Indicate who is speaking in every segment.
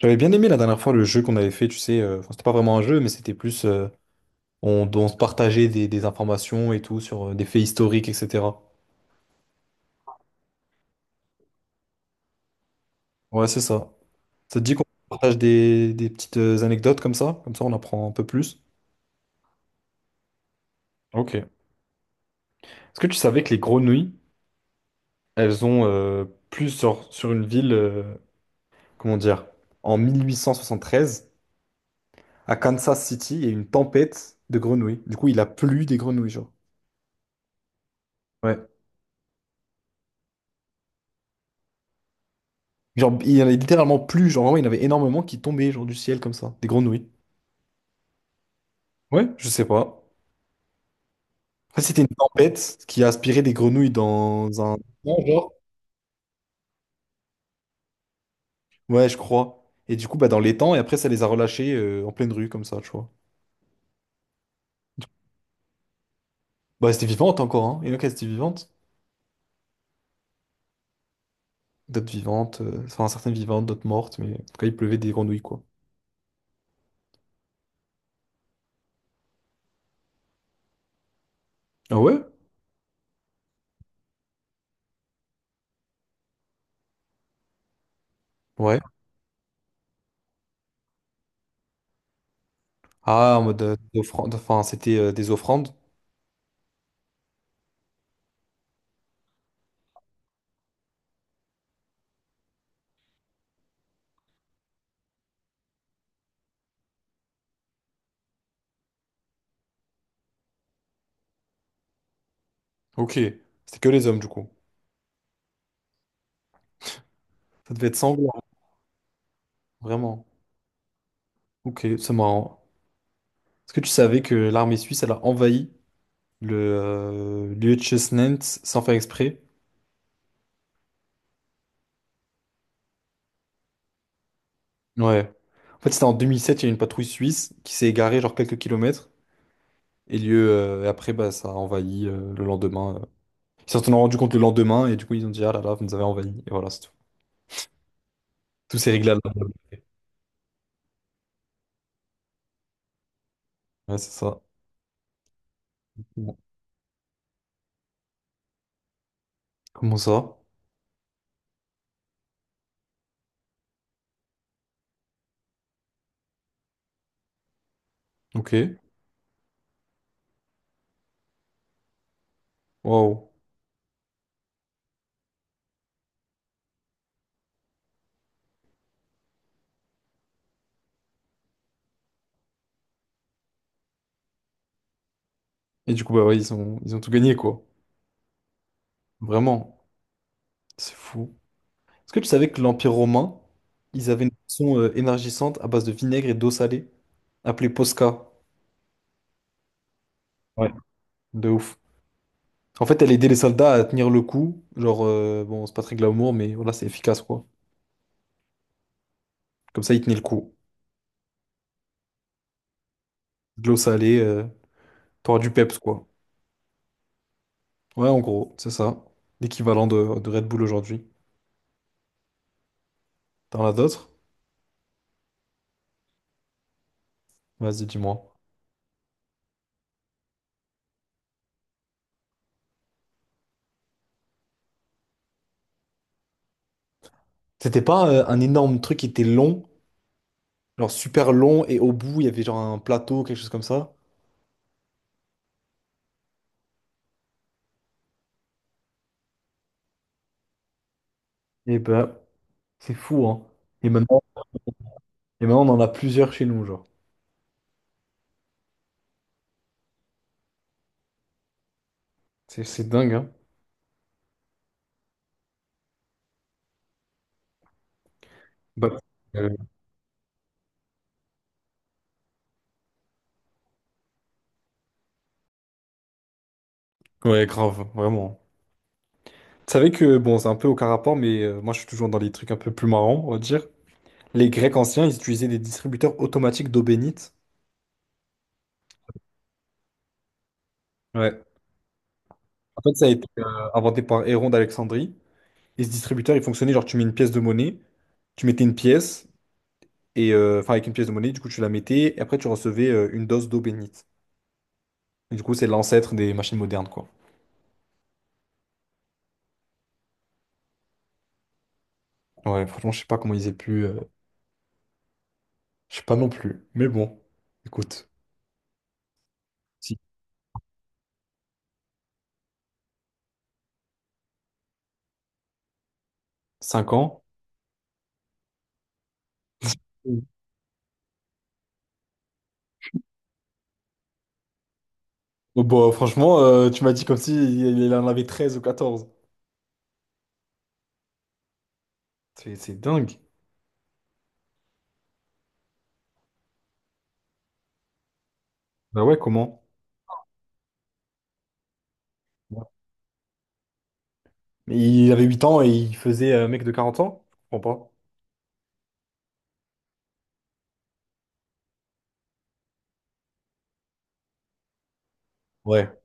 Speaker 1: J'avais bien aimé la dernière fois le jeu qu'on avait fait, tu sais, enfin, c'était pas vraiment un jeu, mais c'était plus on se partageait des informations et tout sur des faits historiques, etc. Ouais, c'est ça. Ça te dit qu'on partage des petites anecdotes comme ça? Comme ça, on apprend un peu plus. Ok. Est-ce que tu savais que les grenouilles, elles ont plus sur une ville, comment dire, en 1873, à Kansas City, il y a eu une tempête de grenouilles. Du coup, il a plu des grenouilles, genre. Ouais. Genre, il y en a littéralement plus, genre vraiment, il y en avait énormément qui tombaient genre du ciel comme ça, des grenouilles. Ouais, je sais pas. Après, c'était une tempête qui a aspiré des grenouilles dans un étang, genre. Ouais, je crois. Et du coup, bah, dans l'étang, et après, ça les a relâchées en pleine rue, comme ça, tu vois. Bah, c'était vivante encore, hein. Il y en a qui étaient vivantes. D'autres vivantes, enfin, certaines vivantes, d'autres mortes, mais en tout cas, il pleuvait des grenouilles, quoi. Ah ouais? Ouais. Ah, en mode offrande, enfin, c'était des offrandes. Ok. C'était que les hommes, du coup. Ça devait être sanglant, vraiment. Ok, c'est marrant. Est-ce que tu savais que l'armée suisse, elle a envahi le Liechtenstein sans faire exprès? Ouais. En fait, c'était en 2007, il y a une patrouille suisse qui s'est égarée genre quelques kilomètres. Et lieu, et après, bah, ça a envahi le lendemain. Ils s'en sont rendu compte le lendemain et du coup, ils ont dit, ah là là, vous nous avez envahi. Et voilà, c'est tout. Tout s'est réglé à la. Ouais, c'est ça. Bon. Comment ça? Ok. Waouh. Et du coup, bah ouais, ils ont tout gagné, quoi. Vraiment. C'est fou. Est-ce que tu savais que l'Empire romain, ils avaient une boisson énergisante à base de vinaigre et d'eau salée, appelée Posca. Ouais. De ouf. En fait, elle aidait les soldats à tenir le coup. Genre, bon, c'est pas très glamour, mais voilà, c'est efficace, quoi. Comme ça, ils tenaient le coup. De l'eau salée, t'auras du peps, quoi. Ouais, en gros, c'est ça. L'équivalent de Red Bull aujourd'hui. T'en as d'autres? Vas-y, dis-moi. C'était pas un énorme truc qui était long, genre super long, et au bout, il y avait genre un plateau, quelque chose comme ça. Et ben, c'est fou, hein. Et maintenant, et maintenant, on en a plusieurs chez nous, genre. C'est dingue, hein. Bah, euh, ouais, grave, vraiment. Tu savais que, bon, c'est un peu aucun rapport, mais moi je suis toujours dans les trucs un peu plus marrants, on va dire. Les Grecs anciens, ils utilisaient des distributeurs automatiques d'eau bénite. Ouais. En fait, ça a été inventé par Héron d'Alexandrie. Et ce distributeur, il fonctionnait genre, tu mets une pièce de monnaie, tu mettais une pièce, et enfin, avec une pièce de monnaie, du coup, tu la mettais, et après, tu recevais une dose d'eau bénite. Et du coup, c'est l'ancêtre des machines modernes, quoi. Ouais, franchement, je sais pas comment ils aient pu. Je sais pas non plus. Mais bon, écoute, si 5 ans. Oh, bah, franchement, tu m'as dit comme si il en avait 13 ou 14. C'est dingue. Bah ouais, comment? Ouais. Mais il avait 8 ans et il faisait un mec de 40 ans? Je comprends pas. Ouais.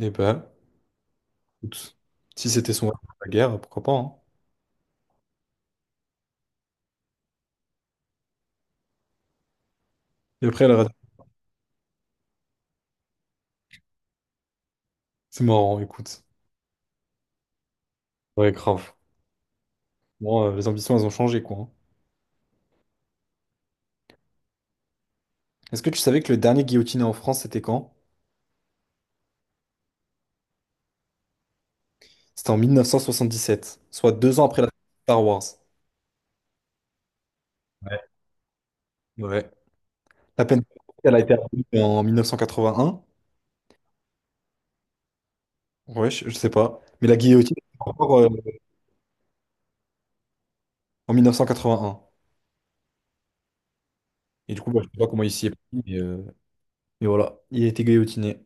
Speaker 1: Et ben, écoute, si c'était son rêve, la guerre, pourquoi pas, hein. Et après, elle a raté. C'est marrant, écoute. Ouais, grave. Bon, les ambitions, elles ont changé, quoi, hein. Est-ce que tu savais que le dernier guillotiné en France, c'était quand? C'était en 1977, soit 2 ans après la Star Wars. Ouais. Ouais. La peine de mort, elle a été abolie en 1981. Ouais, je sais pas. Mais la guillotine, c'est encore en 1981. Et du coup, bah, je sais pas comment il s'y est pris, mais, euh, mais voilà, il a été guillotiné.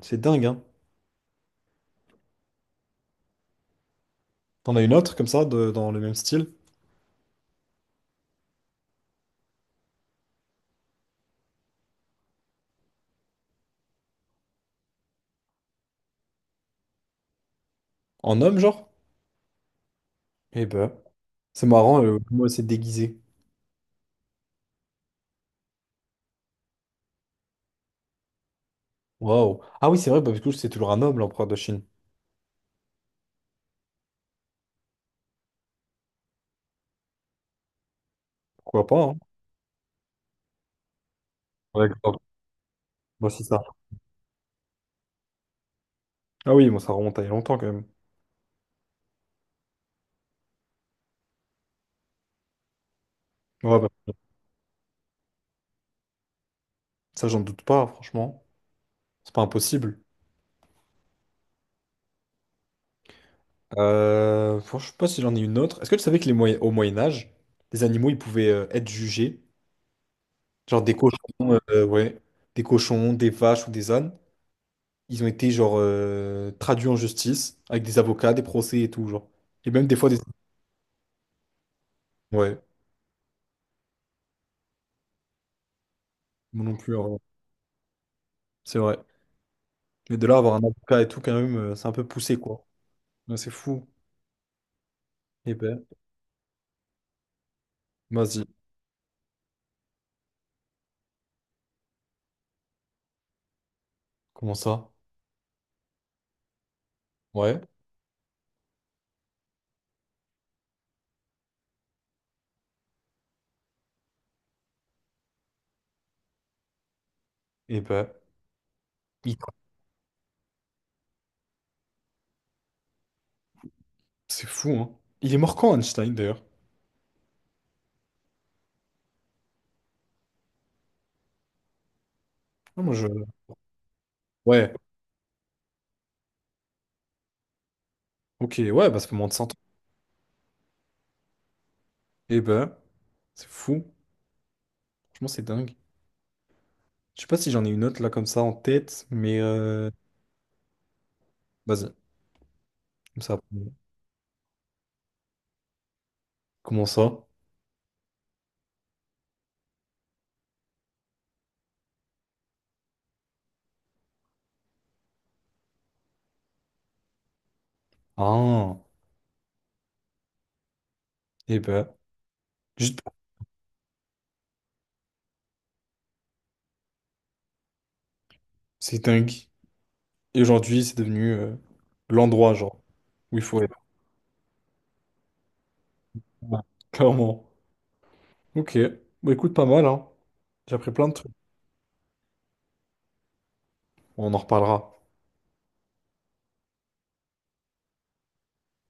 Speaker 1: C'est dingue, hein. T'en as une autre comme ça, dans le même style? En homme, genre? Eh ben, c'est marrant, comment elle s'est déguisée. Waouh. Ah oui, c'est vrai, bah, du coup, c'est toujours un homme, l'empereur de Chine. Pourquoi pas, hein? Ouais, grave. Moi, c'est ça. Ah oui, moi, ça remonte à il y a longtemps, quand même. Ouais, bah, ça, j'en doute pas, franchement. C'est pas impossible. Franchement, je sais pas si j'en ai une autre. Est-ce que tu savais que les au Moyen Âge, les animaux ils pouvaient être jugés, genre des cochons, ouais, des cochons, des vaches ou des ânes, ils ont été genre traduits en justice avec des avocats, des procès et tout genre. Et même des fois des, ouais, moi non plus, hein, ouais. C'est vrai. Mais de là à avoir un avocat et tout quand même, c'est un peu poussé quoi. Ouais, c'est fou. Eh ben, vas-y. Comment ça? Ouais. Eh ben, il- c'est fou hein. Il est mort quand Einstein d'ailleurs? Ah, moi je. Ouais. Ok, ouais, bah ça fait moins de cent. Eh ben, c'est fou. Franchement, c'est dingue. Je sais pas si j'en ai une autre là comme ça en tête, mais vas-y, comme ça. Comment ça? Ah, eh ben, juste, c'est dingue. Et aujourd'hui, c'est devenu l'endroit, genre, où il faut être, clairement. Ok, bah écoute, pas mal, hein. J'ai appris plein de trucs. On en reparlera.